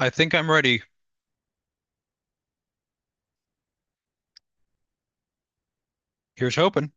I think I'm ready. Here's hoping.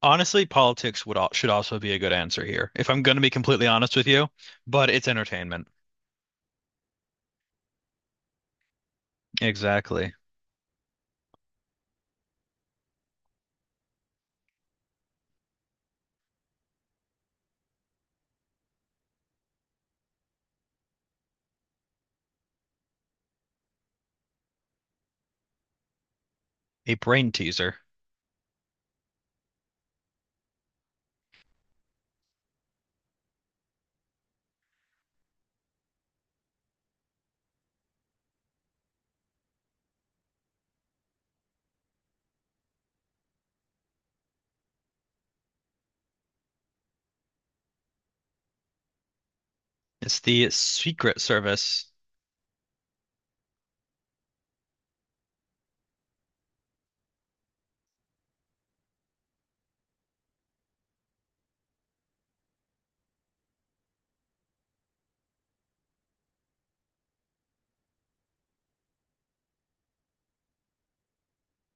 Honestly, politics would al should also be a good answer here, if I'm going to be completely honest with you, but it's entertainment. Exactly. A brain teaser. It's the Secret Service.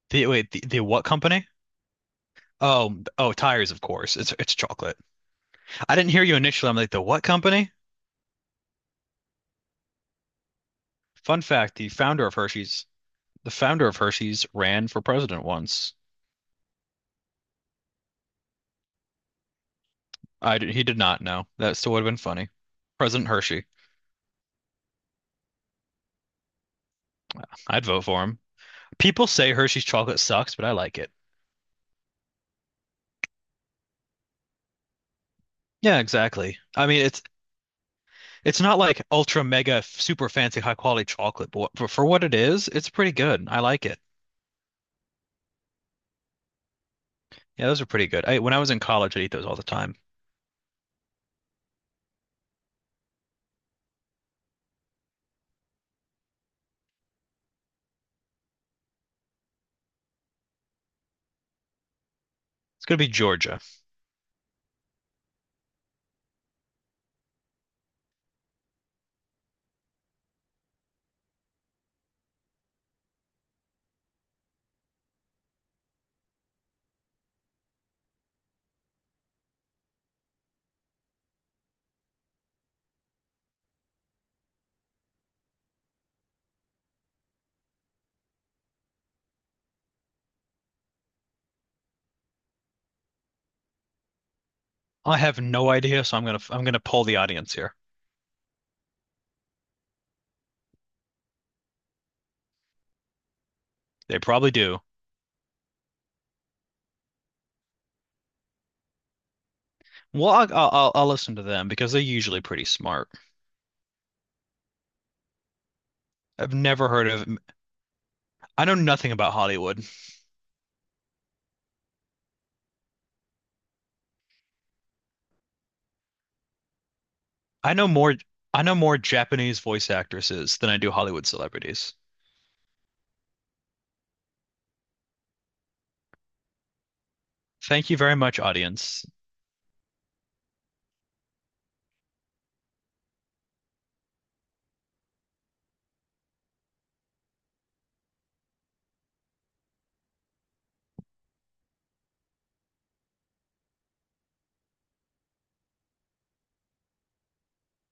The wait, the what company? Oh, oh, tires, of course. It's chocolate. I didn't hear you initially. I'm like, the what company? Fun fact, the founder of Hershey's ran for president once. He did not know. That still would have been funny. President Hershey. I'd vote for him. People say Hershey's chocolate sucks, but I like it. Yeah, exactly. I mean, it's not like ultra mega super fancy high quality chocolate, but for what it is, it's pretty good. I like it. Yeah, those are pretty good. I, when I was in college, I'd eat those all the time. It's gonna be Georgia. I have no idea, so I'm gonna poll the audience here. They probably do. Well, I'll listen to them because they're usually pretty smart. I've never heard of. I know nothing about Hollywood. I know more. I know more Japanese voice actresses than I do Hollywood celebrities. Thank you very much, audience.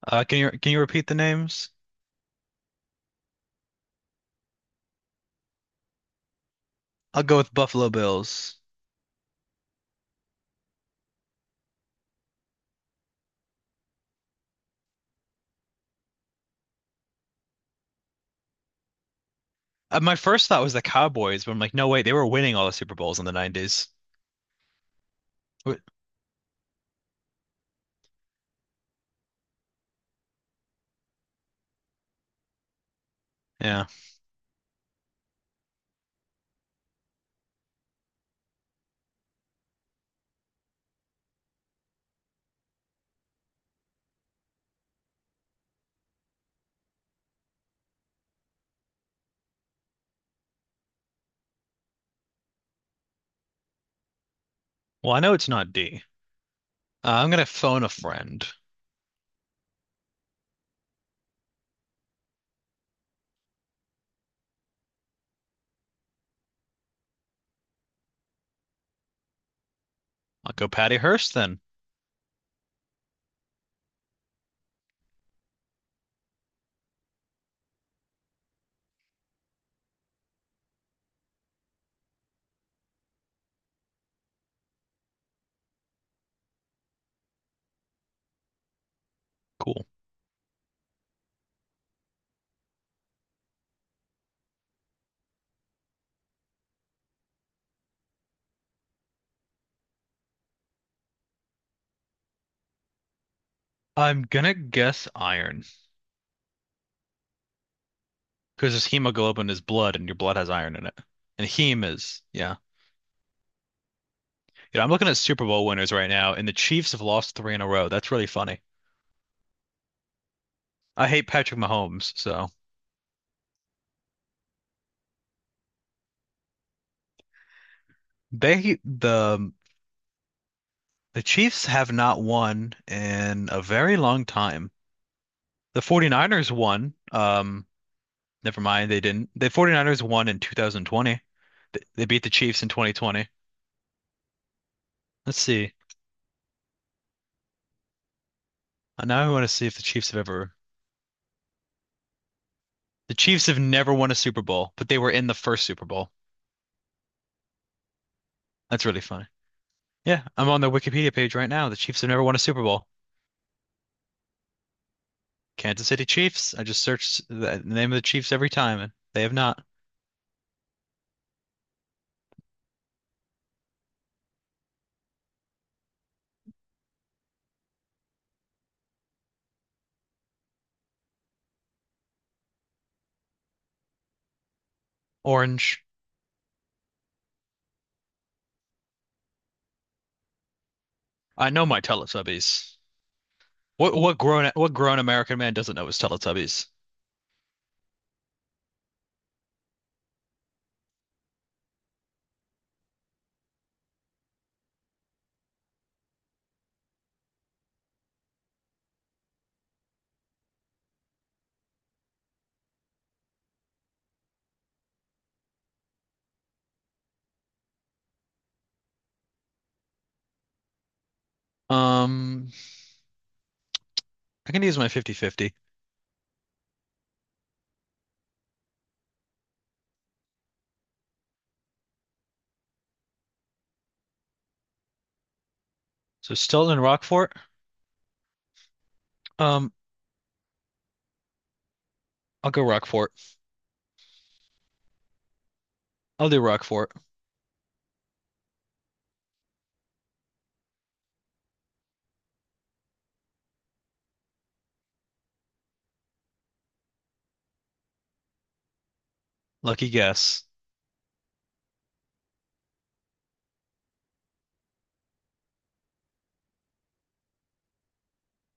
Can you repeat the names? I'll go with Buffalo Bills. My first thought was the Cowboys, but I'm like, no, wait, they were winning all the Super Bowls in the 90s. Wh- Yeah. Well, I know it's not D. I'm gonna phone a friend. I'll go Patty Hearst then. Cool. I'm gonna guess iron because his hemoglobin is blood, and your blood has iron in it. And heme is, yeah. You know, I'm looking at Super Bowl winners right now, and the Chiefs have lost three in a row. That's really funny. I hate Patrick Mahomes, so they the The Chiefs have not won in a very long time. The 49ers won. Never mind, they didn't. The 49ers won in 2020. They beat the Chiefs in 2020. Let's see. Now I want to see if the Chiefs have ever. The Chiefs have never won a Super Bowl, but they were in the first Super Bowl. That's really funny. Yeah, I'm on their Wikipedia page right now. The Chiefs have never won a Super Bowl. Kansas City Chiefs. I just searched the name of the Chiefs every time, and they have not. Orange. I know my Teletubbies. What grown American man doesn't know his Teletubbies? Um, I can use my 50-50. So Stilton and Rockfort. Um, I'll go Rockfort. I'll do Rockfort. Lucky guess.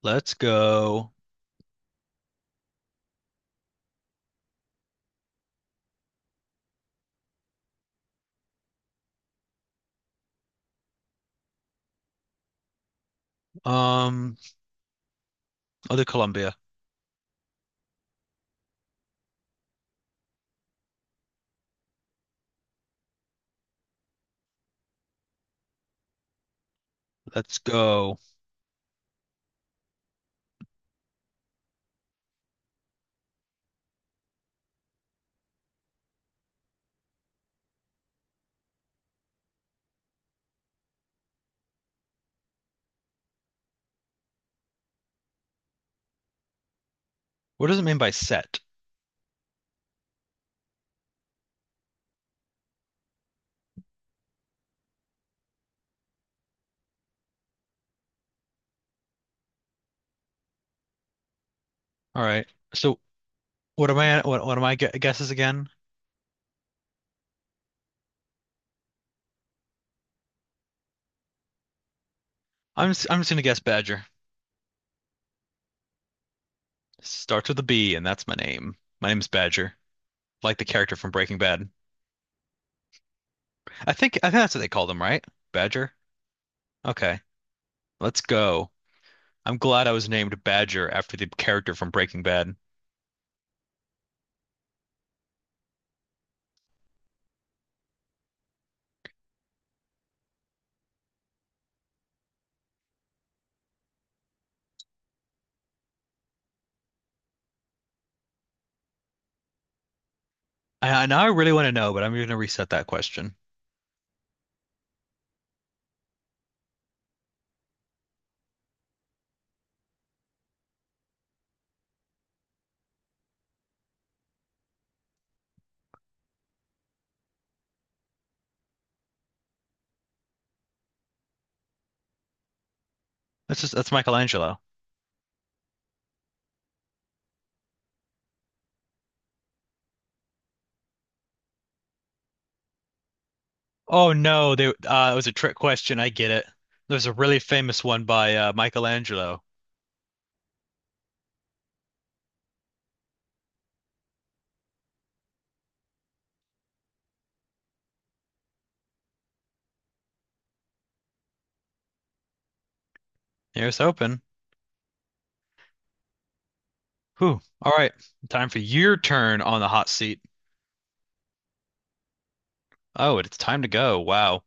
Let's go. Um, I'll do Columbia. Let's go. What does it mean by set? All right. So what guesses again? I'm just gonna guess Badger. Starts with a B, and that's my name. My name's Badger, like the character from Breaking Bad. I think that's what they called him, right? Badger. Okay. Let's go. I'm glad I was named Badger after the character from Breaking Bad. I now I really want to know, but I'm going to reset that question. That's Michelangelo. Oh no, it was a trick question. I get it. There's a really famous one by Michelangelo. Here's hoping. Whew. All right, time for your turn on the hot seat. Oh, it's time to go. Wow.